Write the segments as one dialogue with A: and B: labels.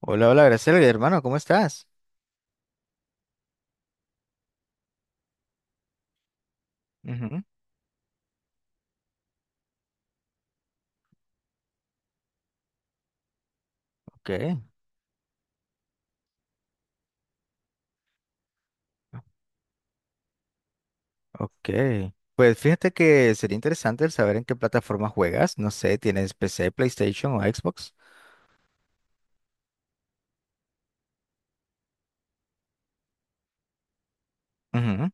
A: Hola, hola, Graciela, hermano, ¿cómo estás? Ujú. Ok, ok. Pues fíjate que sería interesante el saber en qué plataforma juegas. No sé, ¿tienes PC, PlayStation o Xbox? Ujú,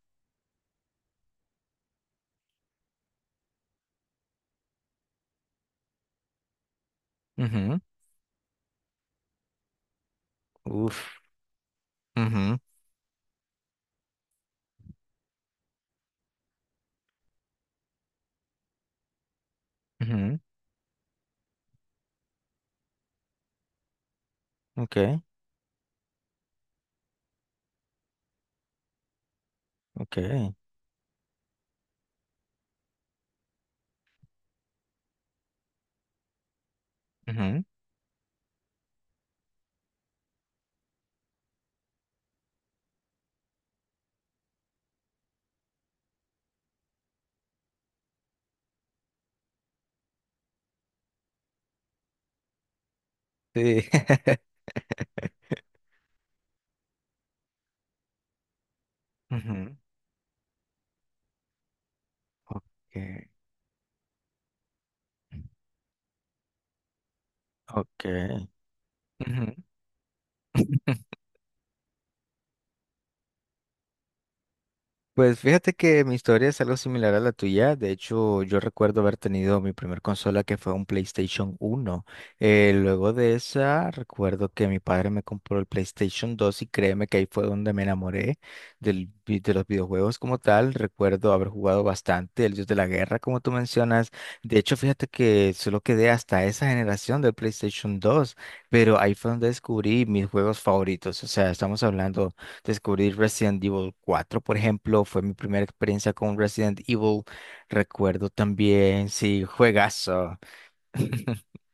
A: ujú. Uf. Ujú, ujú. Ok, ok. Ujú. Sí. Ujú. Ok, ok. Pues fíjate que mi historia es algo similar a la tuya. De hecho, yo recuerdo haber tenido mi primer consola que fue un PlayStation 1. Luego de esa, recuerdo que mi padre me compró el PlayStation 2 y créeme que ahí fue donde me enamoré de los videojuegos como tal. Recuerdo haber jugado bastante el Dios de la Guerra, como tú mencionas. De hecho, fíjate que solo quedé hasta esa generación del PlayStation 2, pero ahí fue donde descubrí mis juegos favoritos. O sea, estamos hablando... Descubrir Resident Evil 4, por ejemplo, fue mi primera experiencia con Resident Evil. Recuerdo también, sí, juegazo.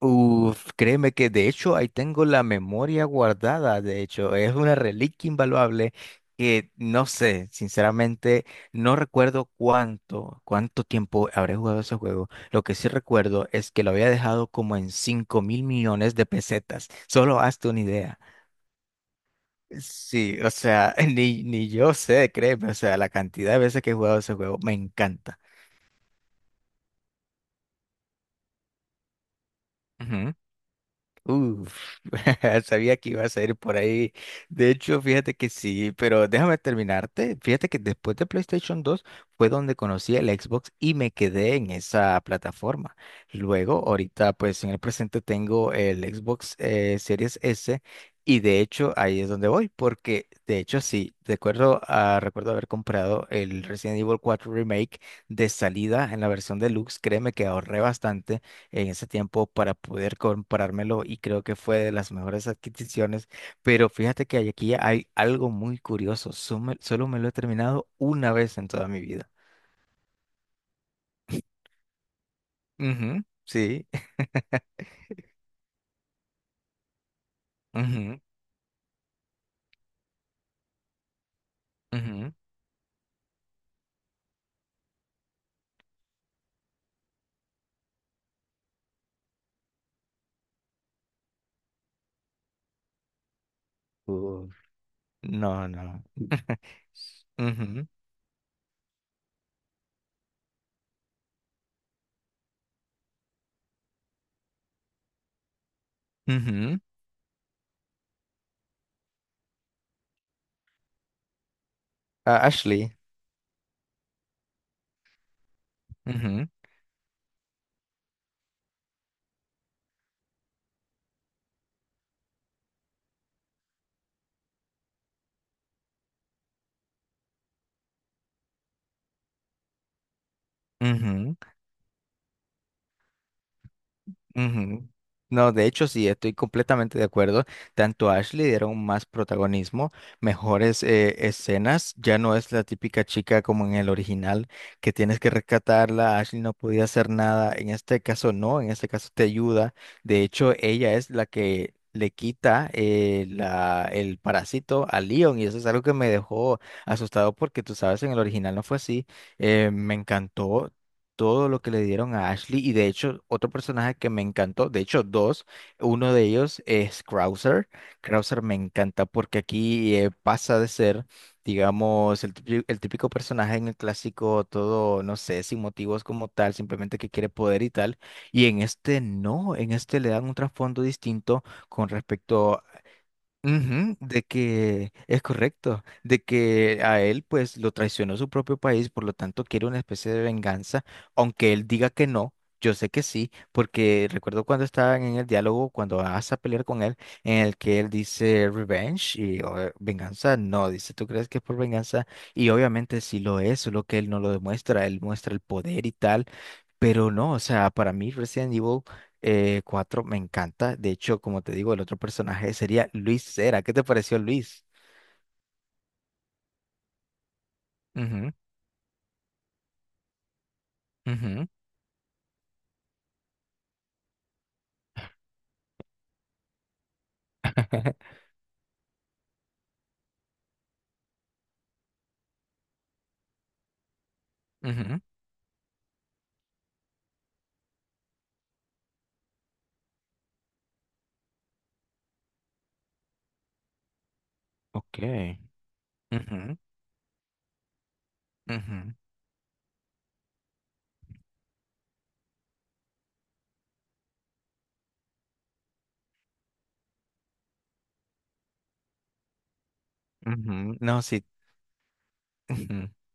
A: Uf, créeme que de hecho ahí tengo la memoria guardada, de hecho, es una reliquia invaluable que no sé, sinceramente, no recuerdo cuánto tiempo habré jugado ese juego. Lo que sí recuerdo es que lo había dejado como en 5 mil millones de pesetas, solo hazte una idea. Sí, o sea, ni yo sé, créeme, o sea, la cantidad de veces que he jugado ese juego me encanta. Uf, sabía que iba a salir por ahí. De hecho, fíjate que sí, pero déjame terminarte. Fíjate que después de PlayStation 2 fue donde conocí el Xbox y me quedé en esa plataforma. Luego, ahorita, pues en el presente tengo el Xbox Series S y de hecho ahí es donde voy, porque de hecho sí, recuerdo, ah, recuerdo haber comprado el Resident Evil 4 Remake de salida en la versión deluxe. Créeme que ahorré bastante en ese tiempo para poder comprármelo y creo que fue de las mejores adquisiciones. Pero fíjate que aquí hay algo muy curioso. Solo me lo he terminado una vez en toda mi vida. Ujú, sí. Ujú, ujú. Uh. No, no. Ujú, ujú. Ah, Ashley. Ujú, ujú. Ujú. No, de hecho sí, estoy completamente de acuerdo. Tanto a Ashley dieron más protagonismo, mejores escenas. Ya no es la típica chica como en el original, que tienes que rescatarla. Ashley no podía hacer nada. En este caso no, en este caso te ayuda. De hecho, ella es la que le quita la, el parásito a Leon y eso es algo que me dejó asustado porque tú sabes, en el original no fue así. Me encantó todo lo que le dieron a Ashley y de hecho otro personaje que me encantó, de hecho dos, uno de ellos es Krauser. Krauser me encanta porque aquí pasa de ser, digamos, el típico personaje en el clásico, todo, no sé, sin motivos como tal, simplemente que quiere poder y tal, y en este no, en este le dan un trasfondo distinto con respecto. Ujú, de que es correcto, de que a él pues lo traicionó su propio país, por lo tanto quiere una especie de venganza, aunque él diga que no, yo sé que sí, porque recuerdo cuando estaban en el diálogo, cuando vas a pelear con él, en el que él dice revenge y o, venganza, no, dice, ¿tú crees que es por venganza? Y obviamente sí lo es, solo que él no lo demuestra, él muestra el poder y tal, pero no, o sea, para mí recién Evil 4, me encanta. De hecho, como te digo, el otro personaje sería Luis Cera. ¿Qué te pareció Luis? Ujú, ujú, ujú. Ok. Ujú, ujú, ujú. No, sí.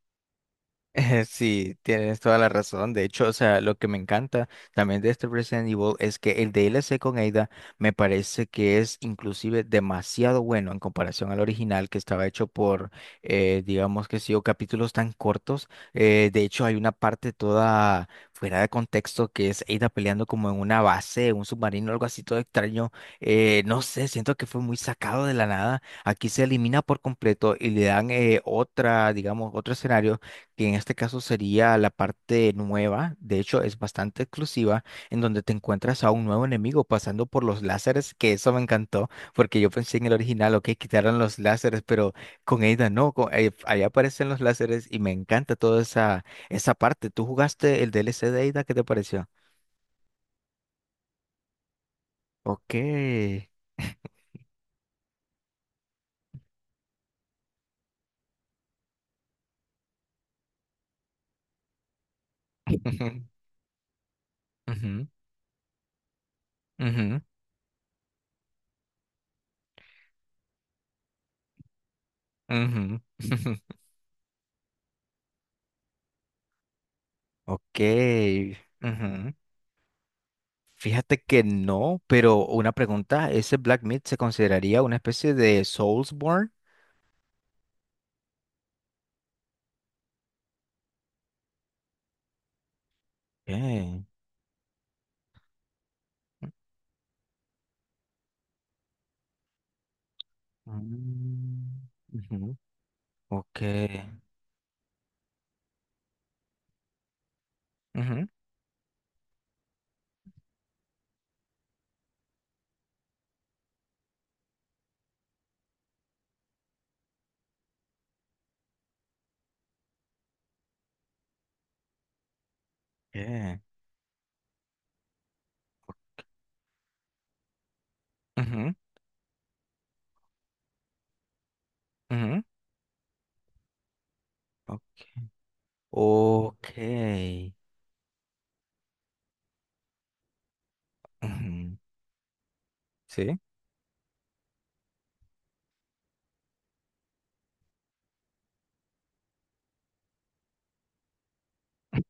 A: Sí, tienes toda la razón. De hecho, o sea, lo que me encanta también de este Resident Evil es que el DLC con Ada me parece que es inclusive demasiado bueno en comparación al original que estaba hecho por, digamos que sí, o capítulos tan cortos. De hecho, hay una parte toda fuera de contexto que es Ada peleando como en una base, un submarino, algo así todo extraño. No sé, siento que fue muy sacado de la nada. Aquí se elimina por completo y le dan otra, digamos, otro escenario que en este caso sería la parte nueva, de hecho es bastante exclusiva, en donde te encuentras a un nuevo enemigo pasando por los láseres, que eso me encantó, porque yo pensé en el original, ok, quitaron los láseres, pero con Ada no, con, ahí aparecen los láseres y me encanta toda esa parte. ¿Tú jugaste el DLC de Ada? ¿Qué te pareció? Ok. Ujú, ujú, ujú, ujú. Ok. Ujú. Fíjate que no, pero una pregunta, ¿ese Black Myth se consideraría una especie de Soulsborne? Okay. Mm, ujú. Ok. Ujú. ¿Qué? Ujú, ujú. Ok. Ok. Ujú, sí.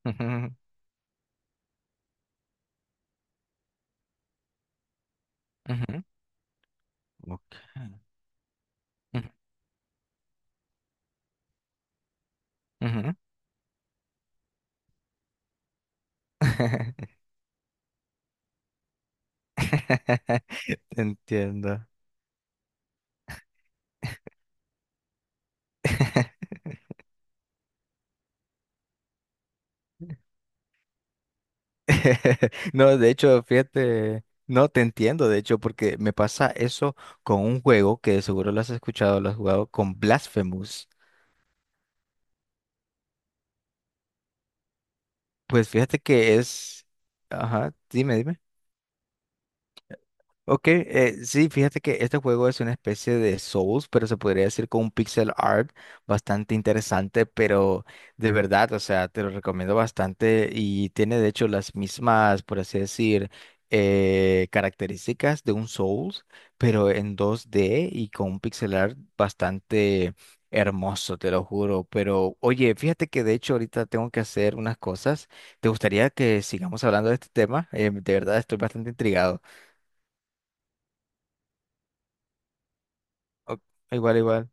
A: Ujú, ujú. Ok. Ujú, ujú. Entiendo. No, de hecho, fíjate, no te entiendo, de hecho, porque me pasa eso con un juego que seguro lo has escuchado, lo has jugado con Blasphemous. Pues fíjate que es, ajá, dime, dime. Ok, sí, fíjate que este juego es una especie de Souls, pero se podría decir con un pixel art bastante interesante, pero de verdad, o sea, te lo recomiendo bastante y tiene de hecho las mismas, por así decir, características de un Souls, pero en 2D y con un pixel art bastante hermoso, te lo juro. Pero oye, fíjate que de hecho ahorita tengo que hacer unas cosas. ¿Te gustaría que sigamos hablando de este tema? De verdad, estoy bastante intrigado. Ok. Igual, igual.